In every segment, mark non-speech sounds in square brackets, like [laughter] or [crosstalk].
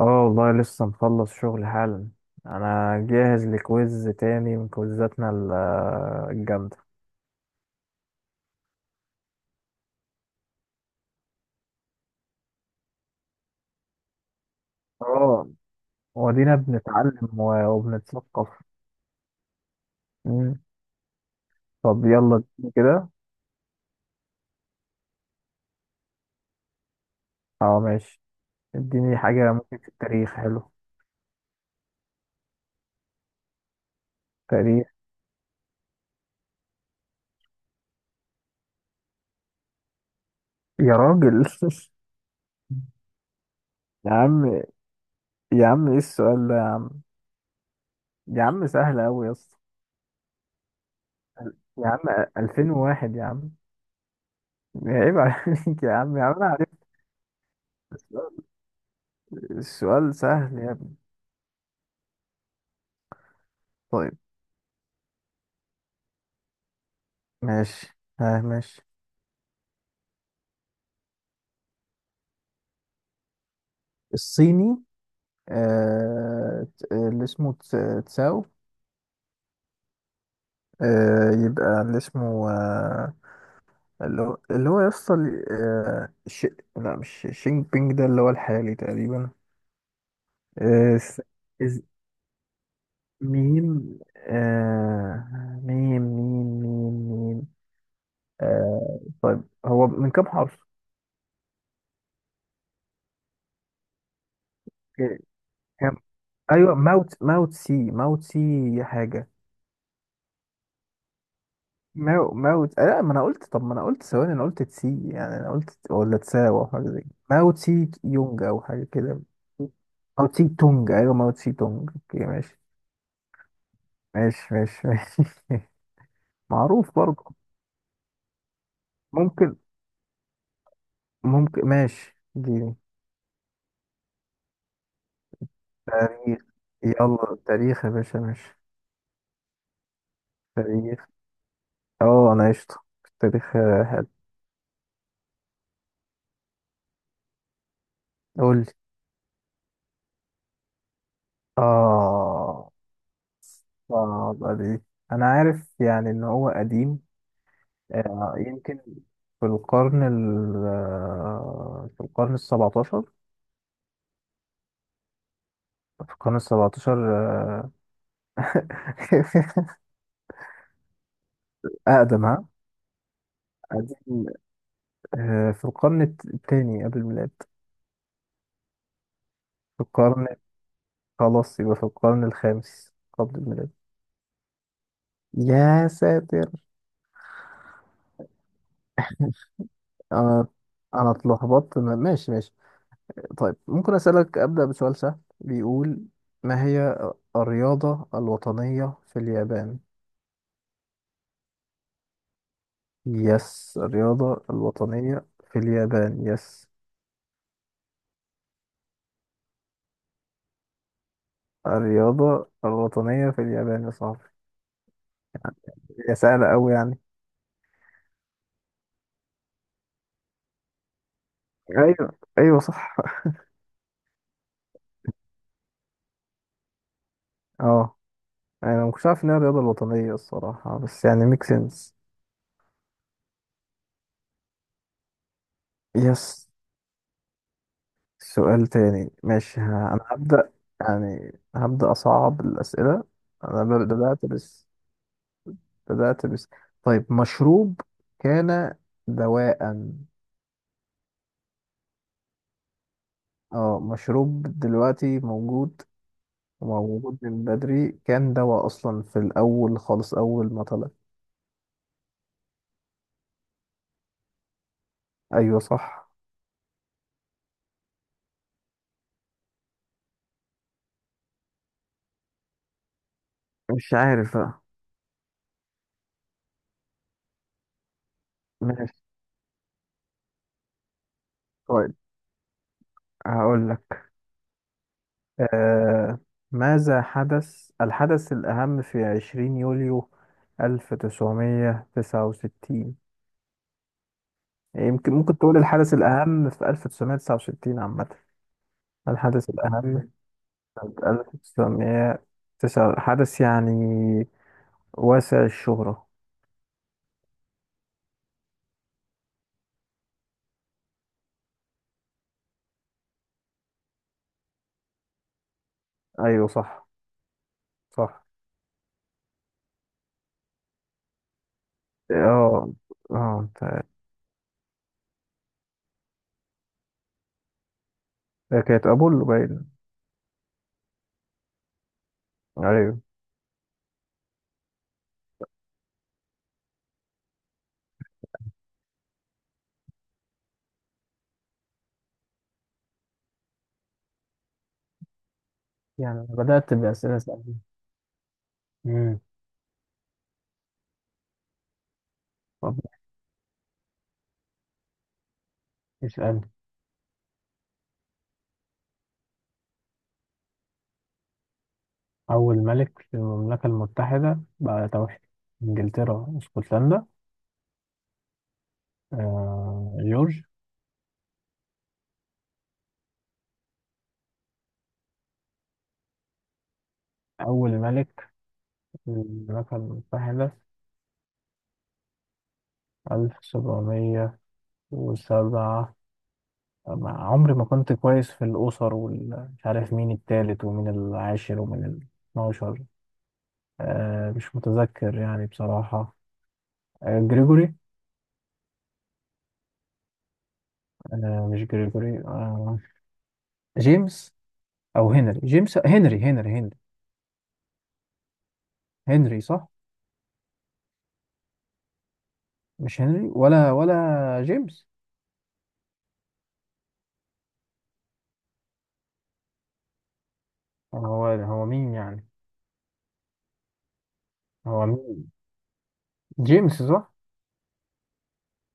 اه والله لسه مخلص شغل حالا. انا جاهز لكويز تاني من كويزاتنا الجامدة. اه، ودينا بنتعلم وبنتثقف. مم. طب يلا، اديني كده. اه ماشي. اديني حاجة ممكن في التاريخ، حلو. تاريخ. يا راجل. [laughs] يا عم، يا عم ايه السؤال ده يا عم؟ يا عم سهل اوي يا اسطى. يا عم. 2001 يا عم. عيب عليك يا عم، يا عم انا عرفت. السؤال. السؤال سهل يا ابني. طيب، ماشي، ها ماشي. الصيني. اللي اسمه تساو. يبقى اللي اسمه، اللي هو يصل، لا، مش شينج بينج ده اللي هو الحالي تقريبا. آه س... إز... ميم، ميم ميم ميم ميم. آه طيب، هو من كام حرف؟ ك- كام؟ ايوه ماوت، ماوت سي، ماوت سي، حاجة. ماو ماوت، لا، ما انا قلت، ثواني، انا قلت تسي، يعني انا قلت، ولا تساو او حاجه زي كده، ماو تسي يونج او حاجه كده. ماو تسي تونج، ايوه ماو تسي تونج، اوكي ماشي ماشي ماشي ماشي. [laughs] معروف برضه. ممكن ممكن، ماشي دي. تاريخ. يلا تاريخ يا باشا، ماشي. تاريخ. اه انا قشطه. في التاريخ، حلو. قول لي. اه اه، دي، انا عارف يعني ان هو قديم. يمكن، في القرن السبعتاشر. في القرن السبعتاشر، آه، [laughs] أقدم، ها، قديم. في القرن التاني قبل الميلاد. في القرن، خلاص يبقى في القرن الخامس قبل الميلاد. يا ساتر. أنا أنا اتلخبطت، ماشي ماشي. طيب، ممكن أسألك؟ أبدأ بسؤال سهل بيقول: ما هي الرياضة الوطنية في اليابان؟ يس، الرياضة الوطنية في اليابان، يس. الرياضة الوطنية في اليابان يا صاحبي، هي سهلة أوي يعني. ايوه ايوه صح. اه، أنا مكنتش عارف إنها الرياضة الوطنية الصراحة، بس يعني ميك سنس. يس. سؤال تاني، ماشي، أنا هبدأ. يعني هبدأ أصعب الأسئلة. أنا ب- بدأت بس بدأت بس. طيب، مشروب كان دواء. اه، مشروب دلوقتي موجود، وموجود من بدري، كان دواء أصلا في الأول خالص، أول ما طلع. أيوة صح. مش عارف بقى. ماشي. طيب، هقول لك. آه ماذا حدث الحدث الأهم في 20 يوليو 1969؟ يمكن ممكن تقول الحدث الأهم في 1969 عامة. الحدث الأهم في 1909، حدث يعني واسع الشهرة. أيوه صح. صح. اه اه، كانت أبولو باين. أيوه. يعني أنا بدأت بأسئلة سهلة. امم، طب اسأل. أول ملك في المملكة المتحدة بعد توحيد إنجلترا واسكتلندا. جورج. أول ملك في المملكة المتحدة، 1707. عمري ما كنت كويس في الأسر، ومش عارف مين التالت ومين العاشر ومين الاتناشر. آه مش متذكر يعني بصراحة. آه جريجوري. آه مش جريجوري، آه، جيمس، أو هنري، جيمس، هنري هنري صح؟ مش هنري، ولا جيمس. هو مين يعني؟ هو مين؟ جيمس، صح.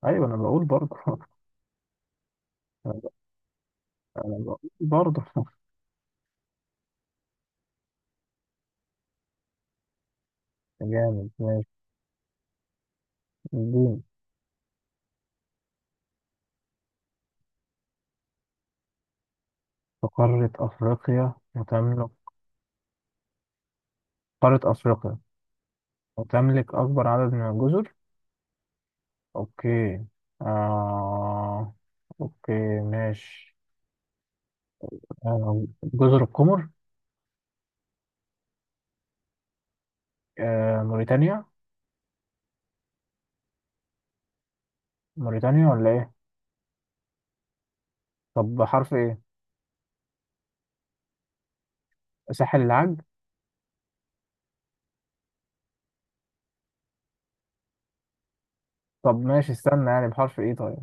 ايوه انا بقول برضه. [laughs] انا بقول برضه. [laughs] جامد، ماشي. الدين. في قارة افريقيا وتملك. قارة افريقيا وتملك اكبر عدد من الجزر. اوكي. آه... اوكي ماشي. جزر القمر. موريتانيا، موريتانيا ولا ايه؟ طب بحرف ايه؟ ساحل العاج. طب ماشي استنى، يعني بحرف ايه طيب؟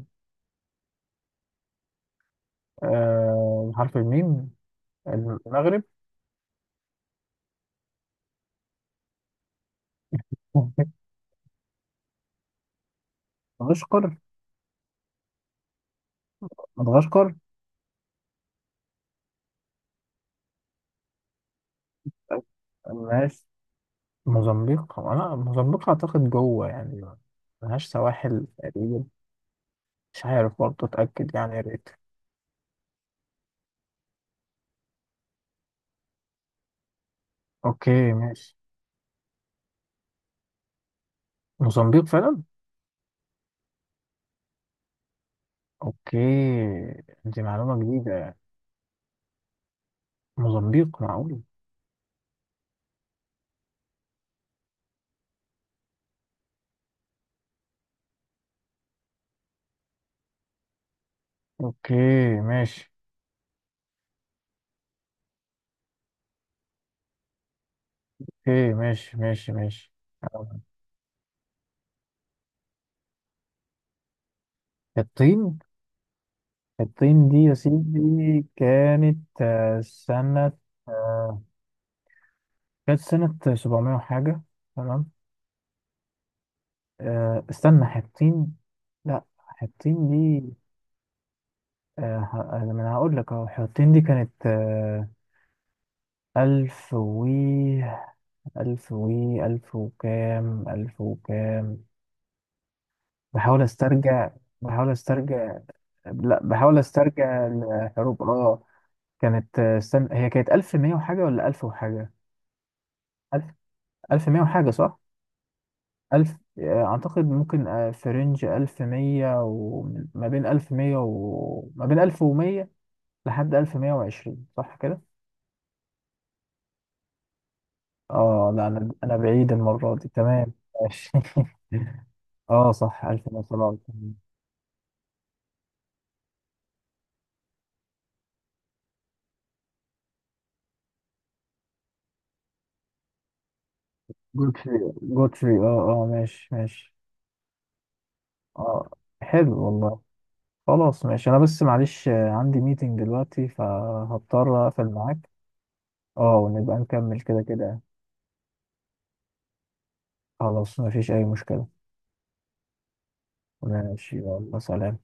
بحرف الميم. المغرب. [laughs] مدغشقر. مدغشقر. ماشي، موزمبيق، انا موزمبيق اعتقد جوه يعني، ملهاش سواحل تقريبا. مش عارف برضه، اتاكد يعني يا ريت. اوكي ماشي. موزمبيق فعلا. اوكي. دي معلومه جديده يعني، موزمبيق معقول. اوكي ماشي. اوكي ماشي ماشي ماشي. الطين. الطين دي يا سيدي كانت، سنة، آه، كانت سنة 700 وحاجة، تمام. استنى حطين، لا حطين دي. ما انا هقول لك اهو، حطين دي كانت، ألف و ألف و ألف وكام. بحاول استرجع. بحاول استرجع. لا، بحاول استرجع الحروف، اه. كانت، استنى، هي كانت ألف مية وحاجة ولا ألف وحاجة؟ ألف ألف مية وحاجة صح؟ ألف، أعتقد ممكن، في رينج ألف مية، وما بين ألف مية، وما بين ألف ومية لحد 1120، صح كده؟ اه لا، انا بعيد المره دي، تمام. ماشي. [laughs] اه صح، 1107. جود فري، اه اه ماشي ماشي. اه حلو والله. خلاص ماشي، انا بس معلش، عندي ميتنج دلوقتي، فهضطر اقفل معاك. اه، ونبقى نكمل كده كده. خلاص، مفيش اي مشكلة. ماشي يلا سلام.